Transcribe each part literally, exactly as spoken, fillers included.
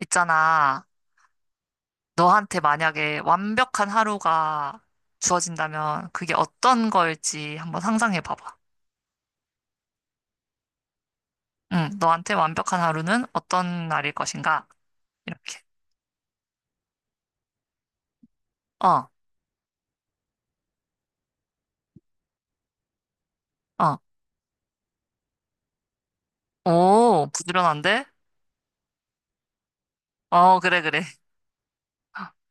있잖아. 너한테 만약에 완벽한 하루가 주어진다면 그게 어떤 걸지 한번 상상해 봐봐. 응, 너한테 완벽한 하루는 어떤 날일 것인가? 이렇게. 어, 어. 오, 부지런한데? 어, 그래, 그래.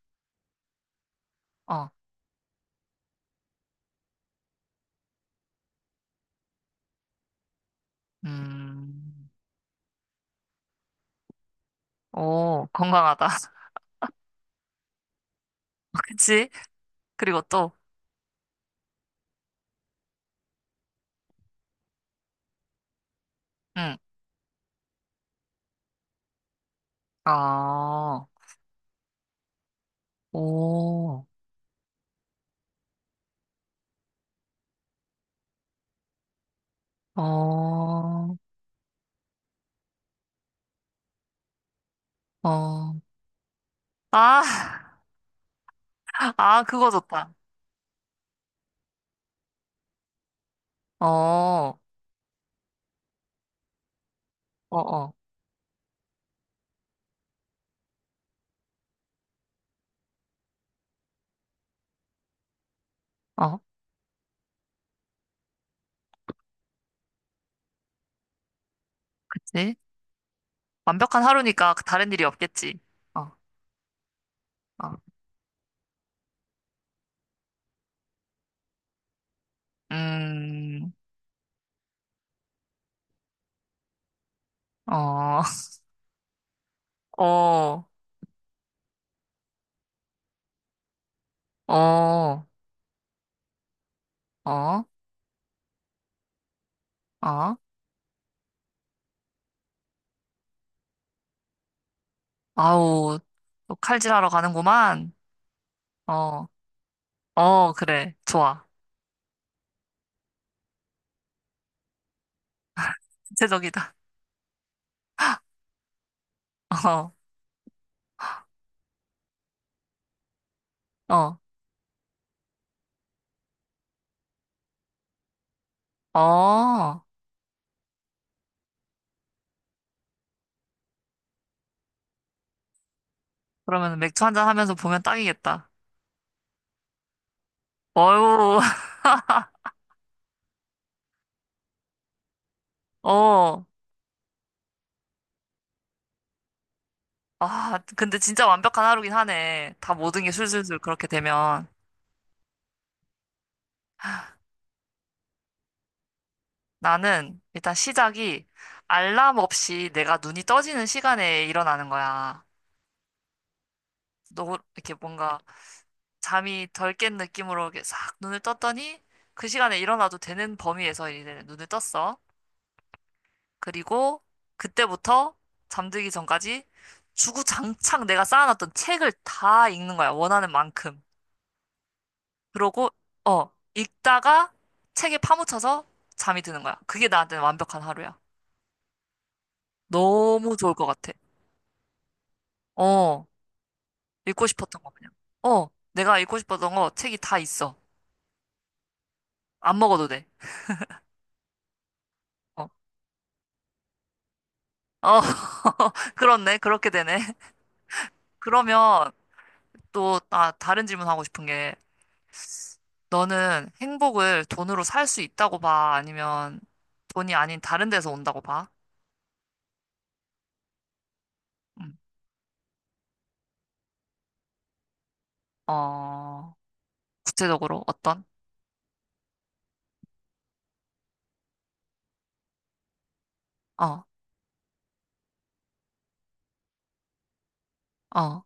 어, 음, 오, 건강하다. 그치? 그리고 또, 응, 어, 오, 어, 어. 아, 아, 그거 좋다. 어, 어, 어. 어, 그치? 완벽한 하루니까 다른 일이 없겠지. 어, 어, 음, 어, 어, 어, 어, 어, 아우, 또 칼질하러 가는구만. 어, 어, 그래. 좋아. 구체적이다. 어, 어, 어. 그러면 맥주 한 잔 하면서 보면 딱이겠다. 어유, 어. 아, 근데 진짜 완벽한 하루긴 하네. 다 모든 게 술술술 그렇게 되면. 나는 일단 시작이 알람 없이 내가 눈이 떠지는 시간에 일어나는 거야. 너 이렇게 뭔가 잠이 덜 깬 느낌으로 이렇게 싹 눈을 떴더니 그 시간에 일어나도 되는 범위에서 이제 눈을 떴어. 그리고 그때부터 잠들기 전까지 주구장창 내가 쌓아놨던 책을 다 읽는 거야. 원하는 만큼. 그러고 어 읽다가 책에 파묻혀서 잠이 드는 거야. 그게 나한테는 완벽한 하루야. 너무 좋을 것 같아. 어. 읽고 싶었던 거 그냥. 어, 내가 읽고 싶었던 거 책이 다 있어. 안 먹어도 돼. 어, 어, 그렇네. 그렇게 되네. 그러면 또, 아, 다른 질문 하고 싶은 게, 너는 행복을 돈으로 살 수 있다고 봐? 아니면 돈이 아닌 다른 데서 온다고 봐? 음. 어, 구체적으로 어떤? 어, 어,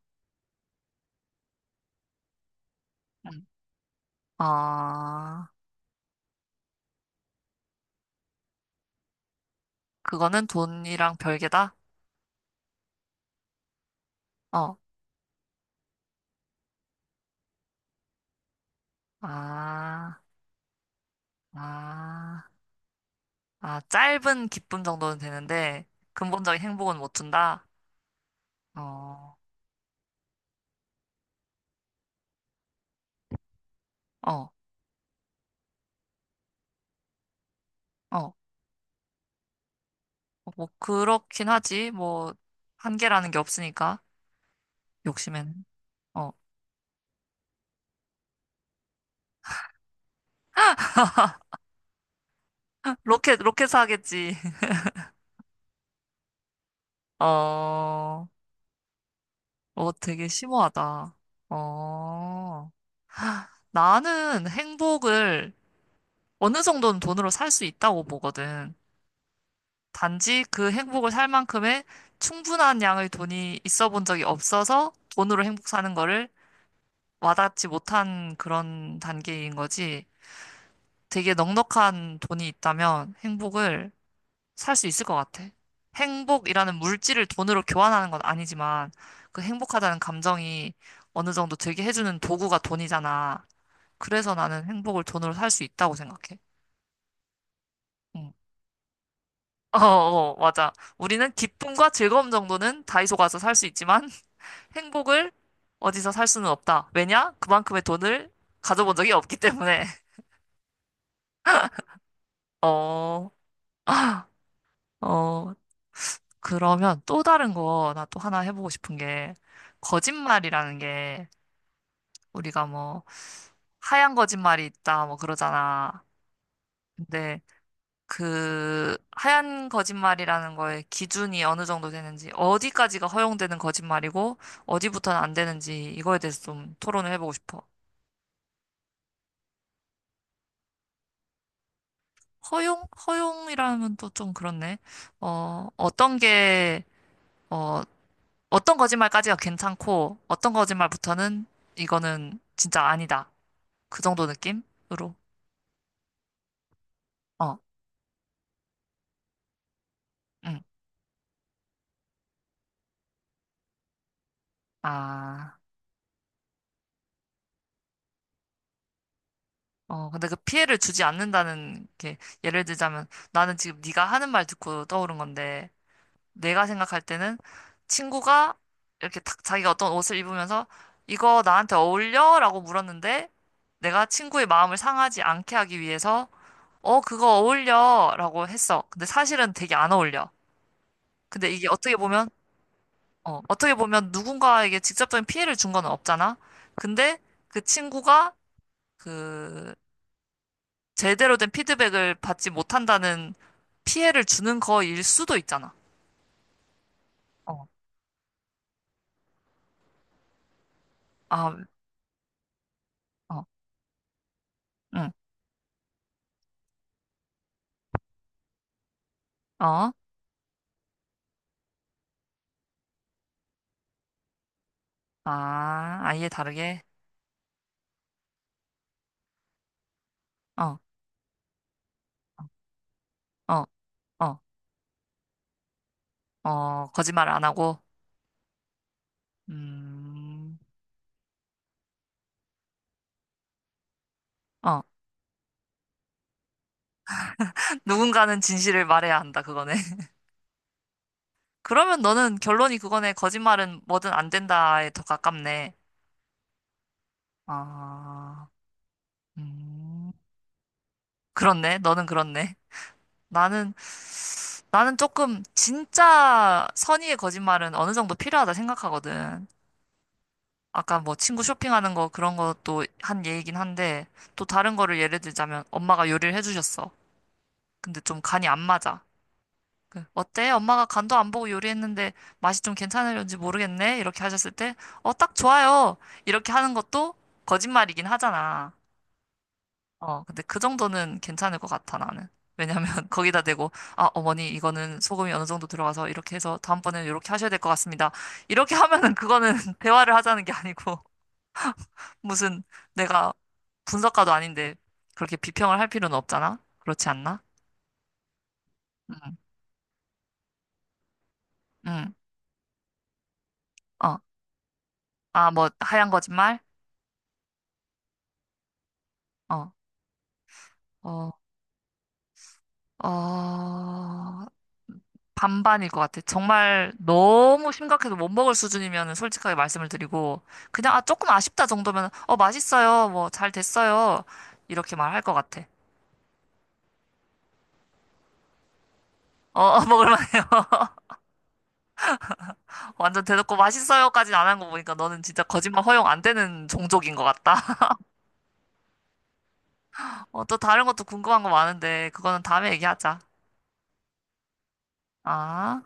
음. 아, 그거는 돈이랑 별개다? 어, 아, 아. 아, 짧은 기쁨 정도는 되는데, 근본적인 행복은 못 준다? 어, 어, 어. 뭐, 그렇긴 하지. 뭐, 한계라는 게 없으니까, 욕심에는. 어. 로켓, 로켓 사겠지. 어, 어, 되게 심오하다. 어, 나는 행복을 어느 정도는 돈으로 살 수 있다고 보거든. 단지 그 행복을 살 만큼의 충분한 양의 돈이 있어 본 적이 없어서 돈으로 행복 사는 거를 와닿지 못한 그런 단계인 거지. 되게 넉넉한 돈이 있다면 행복을 살 수 있을 것 같아. 행복이라는 물질을 돈으로 교환하는 건 아니지만 그 행복하다는 감정이 어느 정도 되게 해주는 도구가 돈이잖아. 그래서 나는 행복을 돈으로 살 수 있다고 생각해. 응. 어, 어, 맞아. 우리는 기쁨과 즐거움 정도는 다이소 가서 살 수 있지만 행복을 어디서 살 수는 없다. 왜냐? 그만큼의 돈을 가져본 적이 없기 때문에. 어. 어, 그러면 또 다른 거 나 또 하나 해보고 싶은 게, 거짓말이라는 게, 우리가 뭐, 하얀 거짓말이 있다, 뭐 그러잖아. 근데 그, 하얀 거짓말이라는 거에 기준이 어느 정도 되는지, 어디까지가 허용되는 거짓말이고, 어디부터는 안 되는지, 이거에 대해서 좀 토론을 해보고 싶어. 허용? 허용이라면 또 좀 그렇네. 어, 어떤 게, 어, 어떤 거짓말까지가 괜찮고, 어떤 거짓말부터는 이거는 진짜 아니다. 그 정도 느낌으로. 어, 응. 아, 어, 근데 그 피해를 주지 않는다는 게, 예를 들자면, 나는 지금 네가 하는 말 듣고 떠오른 건데, 내가 생각할 때는 친구가 이렇게 탁 자기가 어떤 옷을 입으면서, 이거 나한테 어울려? 라고 물었는데, 내가 친구의 마음을 상하지 않게 하기 위해서, 어, 그거 어울려? 라고 했어. 근데 사실은 되게 안 어울려. 근데 이게 어떻게 보면, 어, 어떻게 보면 누군가에게 직접적인 피해를 준 건 없잖아. 근데 그 친구가 그 제대로 된 피드백을 받지 못한다는 피해를 주는 거일 수도 있잖아. 어, 아, 어, 응, 어, 아, 아예 다르게, 어, 어, 어, 어, 거짓말 안 하고, 음, 어, 누군가는 진실을 말해야 한다, 그거네. 그러면 너는 결론이 그거네. 거짓말은 뭐든 안 된다에 더 가깝네. 아, 음. 그렇네. 너는 그렇네. 나는, 나는 조금 진짜 선의의 거짓말은 어느 정도 필요하다 생각하거든. 아까 뭐 친구 쇼핑하는 거 그런 것도 한 얘기긴 한데 또 다른 거를 예를 들자면 엄마가 요리를 해주셨어. 근데 좀 간이 안 맞아. 그, 어때? 엄마가 간도 안 보고 요리했는데 맛이 좀 괜찮을지 모르겠네? 이렇게 하셨을 때, 어, 딱 좋아요. 이렇게 하는 것도 거짓말이긴 하잖아. 어, 근데 그 정도는 괜찮을 것 같아, 나는. 왜냐면 거기다 대고, 아, 어머니, 이거는 소금이 어느 정도 들어가서 이렇게 해서 다음번에는 이렇게 하셔야 될 것 같습니다. 이렇게 하면은 그거는 대화를 하자는 게 아니고, 무슨 내가 분석가도 아닌데 그렇게 비평을 할 필요는 없잖아? 그렇지 않나? 응, 응, 어. 아, 뭐, 하얀 거짓말? 어, 어, 어. 반반일 것 같아. 정말 너무 심각해서 못 먹을 수준이면 솔직하게 말씀을 드리고, 그냥, 아, 조금 아쉽다 정도면, 어, 맛있어요. 뭐, 잘 됐어요. 이렇게 말할 것 같아. 어, 어, 먹을만해요. 완전 대놓고 맛있어요까지는 안 한 거 보니까 너는 진짜 거짓말 허용 안 되는 종족인 것 같다. 어, 또 다른 것도 궁금한 거 많은데, 그거는 다음에 얘기하자. 아.